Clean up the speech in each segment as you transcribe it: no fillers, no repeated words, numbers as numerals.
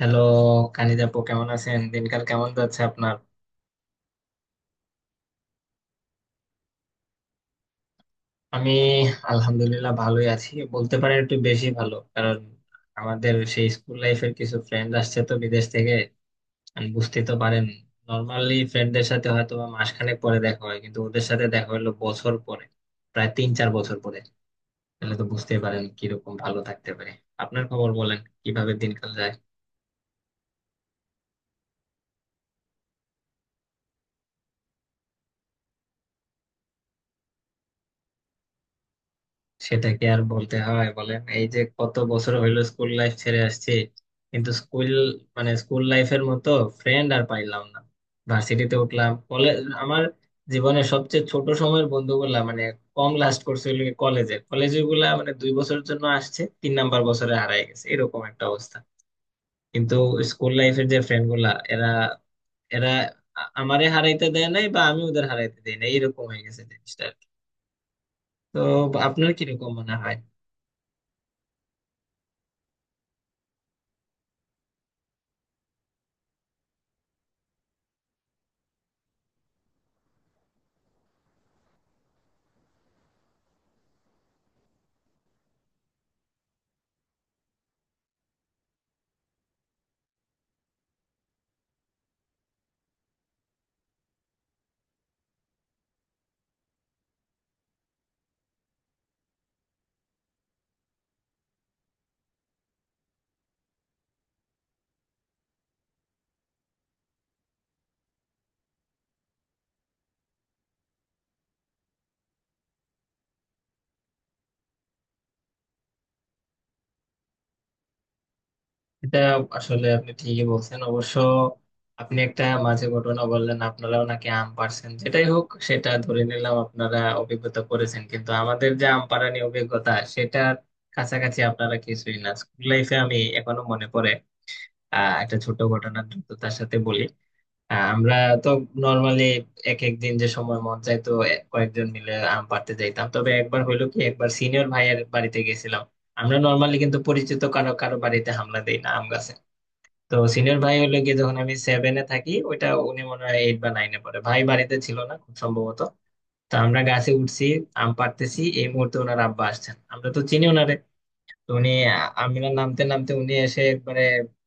Hello কানিজাপু, কেমন আছেন? দিনকাল কেমন যাচ্ছে আপনার? আমি আলহামদুলিল্লাহ ভালোই আছি, বলতে পারেন একটু বেশি ভালো, কারণ আমাদের সেই স্কুল লাইফের কিছু ফ্রেন্ড আসছে তো বিদেশ থেকে। আমি বুঝতে তো পারেন, নর্মালি ফ্রেন্ডদের সাথে হয়তো বা মাসখানেক পরে দেখা হয়, কিন্তু ওদের সাথে দেখা হলো বছর পরে, প্রায় 3 4 বছর পরে। তাহলে তো বুঝতেই পারেন কিরকম ভালো থাকতে পারে। আপনার খবর বলেন, কিভাবে দিনকাল যায়? সেটা কি আর বলতে হয় বলেন, এই যে কত বছর হইলো স্কুল লাইফ ছেড়ে আসছি, কিন্তু স্কুল মানে স্কুল লাইফের মতো ফ্রেন্ড আর পাইলাম না। ভার্সিটিতে উঠলাম, কলেজ আমার জীবনের সবচেয়ে ছোট সময়ের বন্ধুগুলা, মানে কম লাস্ট করছে হলো কলেজে, কলেজে গুলা মানে 2 বছরের জন্য আসছে, তিন নাম্বার বছরে হারায় গেছে, এরকম একটা অবস্থা। কিন্তু স্কুল লাইফের যে ফ্রেন্ড গুলা, এরা এরা আ- আমারে হারাইতে দেয় নাই, বা আমি ওদের হারাইতে দেই না, এরকম হয়ে গেছে জিনিসটা আর কি। তো আপনার কিরকম মনে হয়? এটা আসলে আপনি ঠিকই বলছেন অবশ্য। আপনি একটা মাঝে ঘটনা বললেন, আপনারাও নাকি আম পাড়ছেন। যেটাই হোক, সেটা ধরে নিলাম আপনারা অভিজ্ঞতা করেছেন, কিন্তু আমাদের যে আম পাড়া নিয়ে অভিজ্ঞতা, সেটার কাছাকাছি আপনারা কিছুই না। স্কুল লাইফে আমি এখনো মনে পড়ে, একটা ছোট ঘটনা দ্রুততার সাথে বলি। আমরা তো নর্মালি এক এক দিন যে সময় মন চাই তো কয়েকজন মিলে আম পাড়তে যাইতাম। তবে একবার হইলো কি, একবার সিনিয়র ভাইয়ের বাড়িতে গেছিলাম। আমরা নর্মালি কিন্তু পরিচিত কারো কারো বাড়িতে হামলা দেই না। তো সিনিয়র ভাই হলো গিয়ে, যখন আমি সেভেনে থাকি ওইটা, উনি মনে হয় এইট বা নাইনে পড়ে। ভাই বাড়িতে ছিল না খুব সম্ভবত। তো আমরা গাছে উঠছি, আম পাড়তেছি, এই মুহূর্তে ওনার আব্বা আসছেন। আমরা তো চিনি ওনারে। তো উনি, আমরা নামতে নামতে উনি এসে একবারে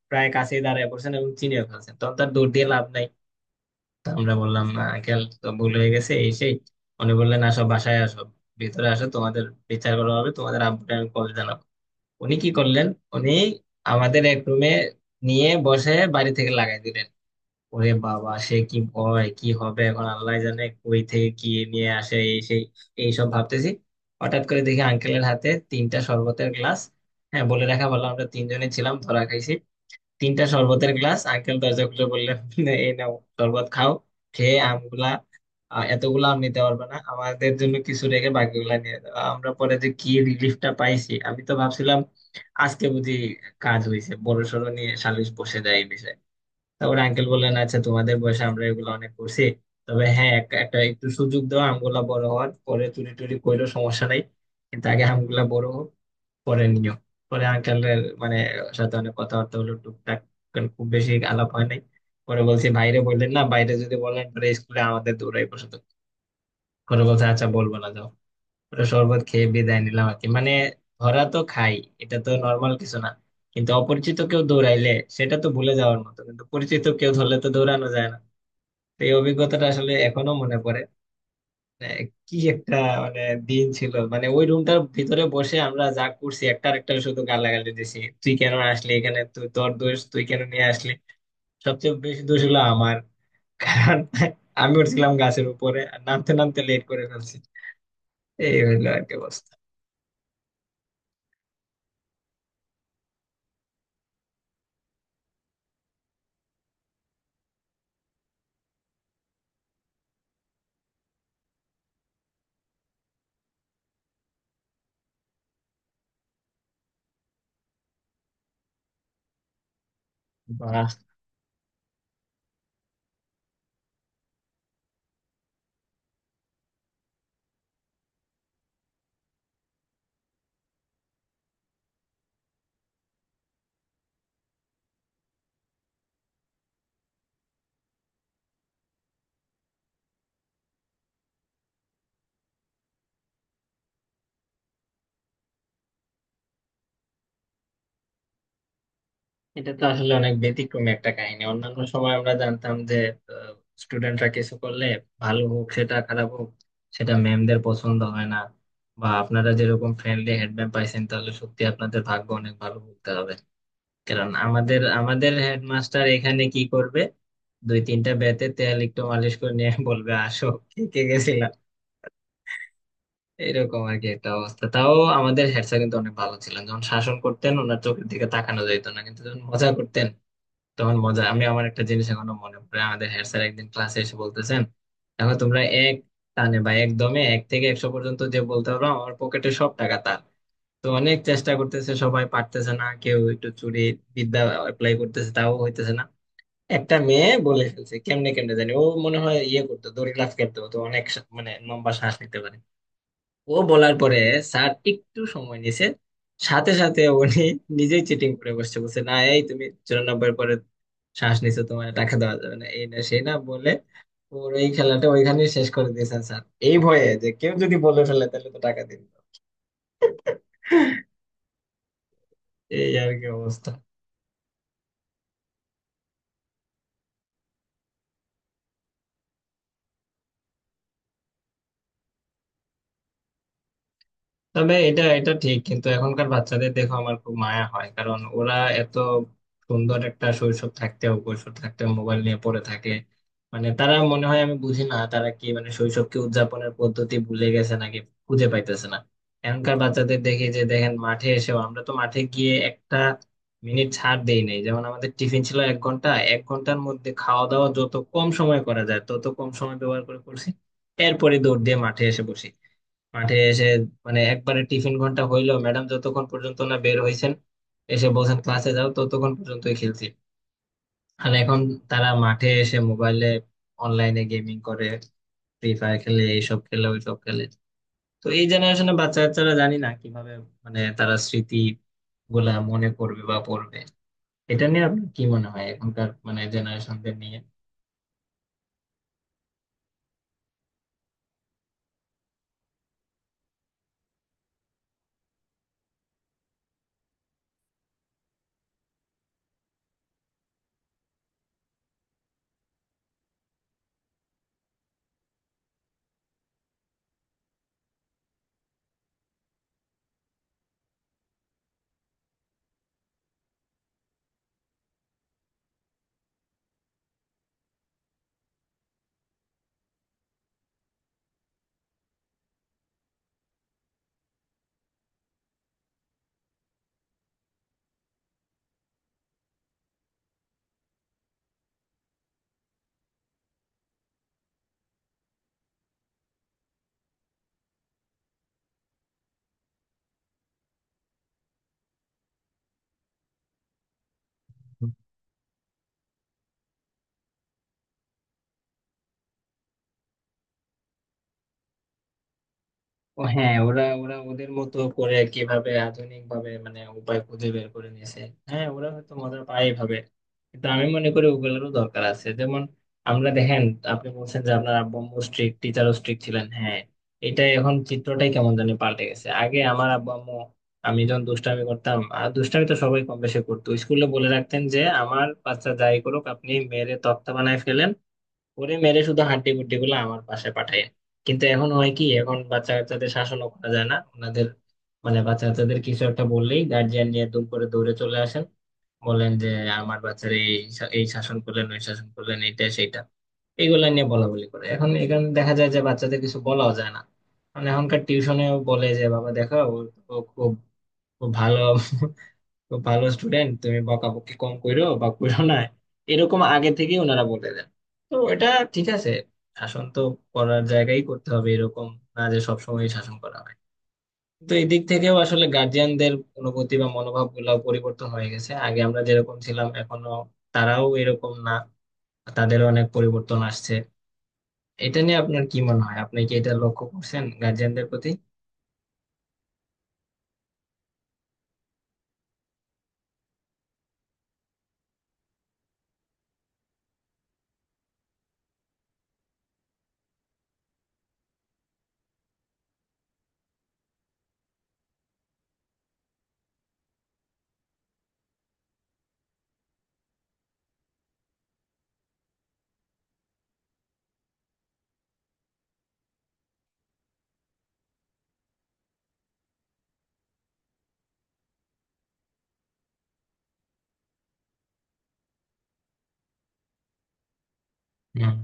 প্রায় কাছেই দাঁড়ায় পড়ছেন এবং চিনিয়ে ফেলছেন, তখন তার দৌড় দিয়ে লাভ নাই। তো আমরা বললাম, আঙ্কেল তো ভুল হয়ে গেছে, এই সেই। উনি বললেন, আসো বাসায় আসো, ভিতরে আসো, তোমাদের বিচার করা হবে, তোমাদের আব্বুকে আমি কল জানাবো। উনি কি করলেন, উনি আমাদের এক রুমে নিয়ে বসে বাড়ি থেকে লাগাই দিলেন। ওরে বাবা, সে কি ভয়, কি হবে এখন, আল্লাহ জানে কই থেকে কি নিয়ে আসে, এই সেই, এইসব ভাবতেছি। হঠাৎ করে দেখি আঙ্কেলের হাতে 3টা শরবতের গ্লাস। হ্যাঁ, বলে রাখা ভালো আমরা 3 জনে ছিলাম ধরা খাইছি। 3টা শরবতের গ্লাস, আঙ্কেল দরজা খুলে বললেন, এই নাও শরবত খাও, খেয়ে আমগুলা, এতগুলো আম নিতে পারবে না, আমাদের জন্য কিছু রেখে বাকিগুলা নিয়ে যাও। আমরা পরে যে কি রিলিফটা পাইছি, আমি তো ভাবছিলাম আজকে বুঝি কাজ হয়েছে, বড়সড় নিয়ে সালিশ বসে যায় এই বিষয়ে। তা ওর আঙ্কেল বললেন, আচ্ছা তোমাদের বয়সে আমরা এগুলো অনেক করছি, তবে হ্যাঁ, একটা একটু সুযোগ দাও, আমগুলা বড় হওয়ার পরে চুরি টুরি কইরো, সমস্যা নাই, কিন্তু আগে আমগুলা বড় হোক, পরে নিও। পরে আঙ্কেলের মানে সাথে অনেক কথাবার্তা হলো টুকটাক, কারণ খুব বেশি আলাপ হয় নাই। পরে বলছি বাইরে, বললেন না বাইরে যদি বলেন পরে স্কুলে আমাদের দৌড়াই বসে। পরে বলছে আচ্ছা বলবো না, যাও। পুরো শরবত খেয়ে বিদায় নিলাম আর কি, মানে ধরা তো খাই এটা তো নর্মাল কিছু না, কিন্তু অপরিচিত কেউ দৌড়াইলে সেটা তো ভুলে যাওয়ার মতো, কিন্তু পরিচিত কেউ ধরলে তো দৌড়ানো যায় না। তো এই অভিজ্ঞতাটা আসলে এখনো মনে পড়ে। আহ, কি একটা মানে দিন ছিল, মানে ওই রুমটার ভিতরে বসে আমরা যা করছি, একটা আরেকটা শুধু গালাগালি দিছি, তুই কেন আসলি এখানে, তুই তোর দোষ, তুই কেন নিয়ে আসলি। সবচেয়ে বেশি দোষ হলো আমার, কারণ আমি উঠছিলাম গাছের উপরে আর নামতে নামতে লেট করে ফেলছি। এই হইলো আর কি অবস্থা। বাহ, এটা তো আসলে অনেক ব্যতিক্রমী একটা কাহিনী। অন্যান্য সময় আমরা জানতাম যে স্টুডেন্টরা কিছু করলে, ভালো হোক সেটা খারাপ হোক, সেটা ম্যামদের পছন্দ হয় না। বা আপনারা যেরকম ফ্রেন্ডলি হেডম্যাম পাইছেন, তাহলে সত্যি আপনাদের ভাগ্য অনেক ভালো বলতে হবে। কারণ আমাদের আমাদের হেডমাস্টার এখানে কি করবে, 2 3টা ব্যাতে তেল একটু মালিশ করে নিয়ে বলবে আসো, কে কে গেছিলাম, এরকম আর কি একটা অবস্থা। তাও আমাদের হেড স্যার কিন্তু অনেক ভালো ছিলেন, যখন শাসন করতেন ওনার চোখের দিকে তাকানো যেত না, কিন্তু যখন মজা করতেন তখন মজা। আমি আমার একটা জিনিস এখনো মনে পড়ে, আমাদের হেড স্যার একদিন ক্লাসে এসে বলতেছেন, দেখো তোমরা এক টানে বা একদমে 1 থেকে 100 পর্যন্ত যে বলতে পারো আমার পকেটে সব টাকা তার। তো অনেক চেষ্টা করতেছে সবাই, পারতেছে না, কেউ একটু চুরি বিদ্যা অ্যাপ্লাই করতেছে তাও হইতেছে না। একটা মেয়ে বলে ফেলছে কেমনে কেমনে জানি, ও মনে হয় ইয়ে করতো, দড়ি লাফ খেলতো, তো অনেক মানে লম্বা শ্বাস নিতে পারে। ও বলার পরে স্যার একটু সময় নিছে, সাথে সাথে উনি নিজেই চিটিং করে বসছে, বলছে না এই তুমি 94 পরে শ্বাস নিছো, তোমার টাকা দেওয়া যাবে না, এই না সেই না বলে ওর এই খেলাটা ওইখানে শেষ করে দিয়েছেন স্যার। এই ভয়ে যে কেউ যদি বলে ফেলে তাহলে তো টাকা দিন। এই আর কি অবস্থা। তবে এটা এটা ঠিক, কিন্তু এখনকার বাচ্চাদের দেখো আমার খুব মায়া হয়, কারণ ওরা এত সুন্দর একটা শৈশব থাকতেও, কৈশোর থাকতেও মোবাইল নিয়ে পড়ে থাকে। মানে তারা মনে হয়, আমি বুঝি না তারা কি, মানে শৈশবকে উদযাপনের পদ্ধতি ভুলে গেছে নাকি খুঁজে পাইতেছে না। এখনকার বাচ্চাদের দেখি যে, দেখেন মাঠে এসেও, আমরা তো মাঠে গিয়ে একটা মিনিট ছাড় দেই নাই। যেমন আমাদের টিফিন ছিল 1 ঘন্টা, 1 ঘন্টার মধ্যে খাওয়া দাওয়া যত কম সময় করা যায় তত কম সময় ব্যবহার করে করছি। এরপরে দৌড় দিয়ে মাঠে এসে বসি, মাঠে এসে মানে একবারে টিফিন ঘন্টা হইলো, ম্যাডাম যতক্ষণ পর্যন্ত না বের হইছেন এসে বলছেন ক্লাসে যাও, ততক্ষণ পর্যন্তই খেলছি। আর এখন তারা মাঠে এসে মোবাইলে অনলাইনে গেমিং করে, ফ্রি ফায়ার খেলে, এইসব খেলে ওইসব খেলে। তো এই জেনারেশনে বাচ্চা কাচ্চারা জানি না কিভাবে, মানে তারা স্মৃতি গুলা মনে করবে বা পড়বে। এটা নিয়ে আপনার কি মনে হয় এখনকার মানে জেনারেশনদের নিয়ে? ও হ্যাঁ, ওরা ওরা ওদের মতো করে কিভাবে আধুনিক ভাবে মানে উপায় খুঁজে বের করে নিয়েছে। হ্যাঁ, ওরা হয়তো মজা পায় এভাবে, কিন্তু আমি মনে করি ওগুলোরও দরকার আছে। যেমন আমরা দেখেন, আপনি বলছেন যে আপনার আব্বু আম্মু স্ট্রিক্ট, টিচারও স্ট্রিক্ট ছিলেন। হ্যাঁ, এটা এখন চিত্রটাই কেমন জানি পাল্টে গেছে। আগে আমার আব্বু আম্মু আমি যখন দুষ্টামি করতাম, আর দুষ্টামি তো সবাই কম বেশি করতো, স্কুলে বলে রাখতেন যে আমার বাচ্চা যাই করুক আপনি মেরে তক্তা বানায় ফেলেন, ওরে মেরে শুধু হাড্ডি গুড্ডি গুলো আমার পাশে পাঠায়। কিন্তু এখন হয় কি, এখন বাচ্চা কাচ্চাদের শাসনও করা যায় না, ওনাদের মানে বাচ্চা কাচ্চাদের কিছু একটা বললেই গার্জিয়ান নিয়ে দুম করে দৌড়ে চলে আসেন, বলেন যে আমার বাচ্চার এই এই শাসন করলেন, ওই শাসন করলেন, এইটা সেইটা এইগুলা নিয়ে বলা বলি করে। এখন এখানে দেখা যায় যে বাচ্চাদের কিছু বলাও যায় না, মানে এখনকার টিউশনেও বলে যে, বাবা দেখো ও, ও খুব ও ভালো তো, ভালো স্টুডেন্ট, তুমি বকাবকি কম করো বা করো না, এরকম আগে থেকে ওনারা বলে দেন। তো এটা ঠিক আছে, শাসন তো করার জায়গায় করতে হবে, এরকম না যে সবসময় শাসন করা হয়। তো এই দিক থেকেও আসলে গার্জিয়ানদের অনুভূতি বা মনোভাব গুলাও পরিবর্তন হয়ে গেছে। আগে আমরা যেরকম ছিলাম, এখনো তারাও এরকম না, তাদের অনেক পরিবর্তন আসছে। এটা নিয়ে আপনার কি মনে হয়, আপনি কি এটা লক্ষ্য করছেন গার্জিয়ানদের প্রতি? হুম।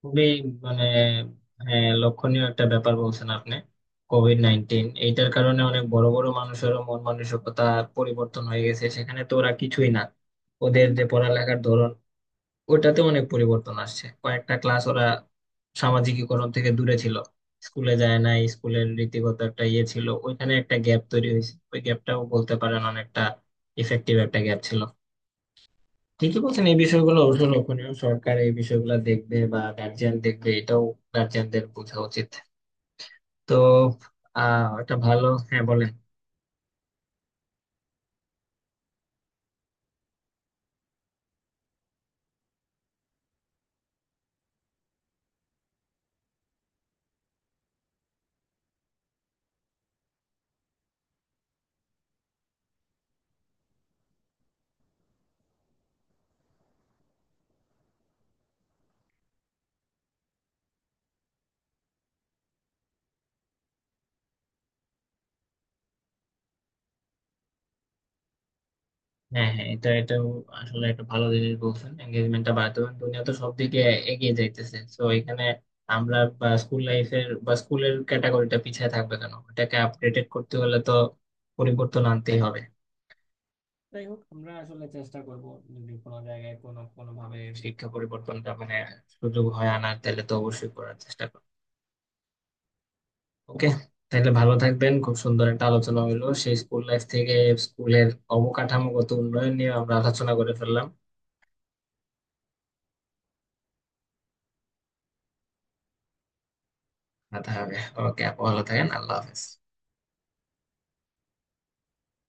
খুবই, মানে হ্যাঁ, লক্ষণীয় একটা ব্যাপার বলছেন আপনি। কোভিড-19 এইটার কারণে অনেক বড় বড় মানুষেরও মন মানসিকতা পরিবর্তন হয়ে গেছে, সেখানে তো ওরা কিছুই না। ওদের যে পড়ালেখার ধরন, ওটাতে অনেক পরিবর্তন আসছে, কয়েকটা ক্লাস ওরা সামাজিকীকরণ থেকে দূরে ছিল। স্কুলে যায় না, স্কুলের রীতিগত একটা ইয়ে ছিল ওইখানে, একটা গ্যাপ তৈরি হয়েছে, ওই গ্যাপটাও বলতে পারেন অনেকটা ইফেক্টিভ একটা গ্যাপ ছিল। ঠিকই বলছেন, এই বিষয়গুলো অবশ্য লক্ষণীয়। সরকার এই বিষয়গুলো দেখবে বা গার্জিয়ান দেখবে, এটাও গার্জিয়ানদের বোঝা উচিত। তো একটা ভালো, হ্যাঁ বলেন। হ্যাঁ হ্যাঁ, এটাও আসলে একটা ভালো জিনিস বলছেন, এঙ্গেজমেন্টটা বাড়াতে হবে। দুনিয়া তো সব দিকে এগিয়ে যাইতেছে, তো এখানে আমরা বা স্কুল লাইফের বা স্কুলের ক্যাটাগরিটা পিছিয়ে থাকবে কেন? এটাকে আপডেটেড করতে হলে তো পরিবর্তন আনতেই হবে। যাই হোক, আমরা আসলে চেষ্টা করব, যদি কোনো জায়গায় কোনো কোনো ভাবে শিক্ষা পরিবর্তনটা মানে সুযোগ হয় আনার, তাহলে তো অবশ্যই করার চেষ্টা করব। ওকে, তাহলে ভালো থাকবেন। খুব সুন্দর একটা আলোচনা হলো, সেই স্কুল লাইফ থেকে স্কুলের অবকাঠামোগত উন্নয়ন নিয়ে আমরা আলোচনা করে ফেললাম। কথা হবে। ওকে আপু, ভালো থাকেন, আল্লাহ হাফেজ।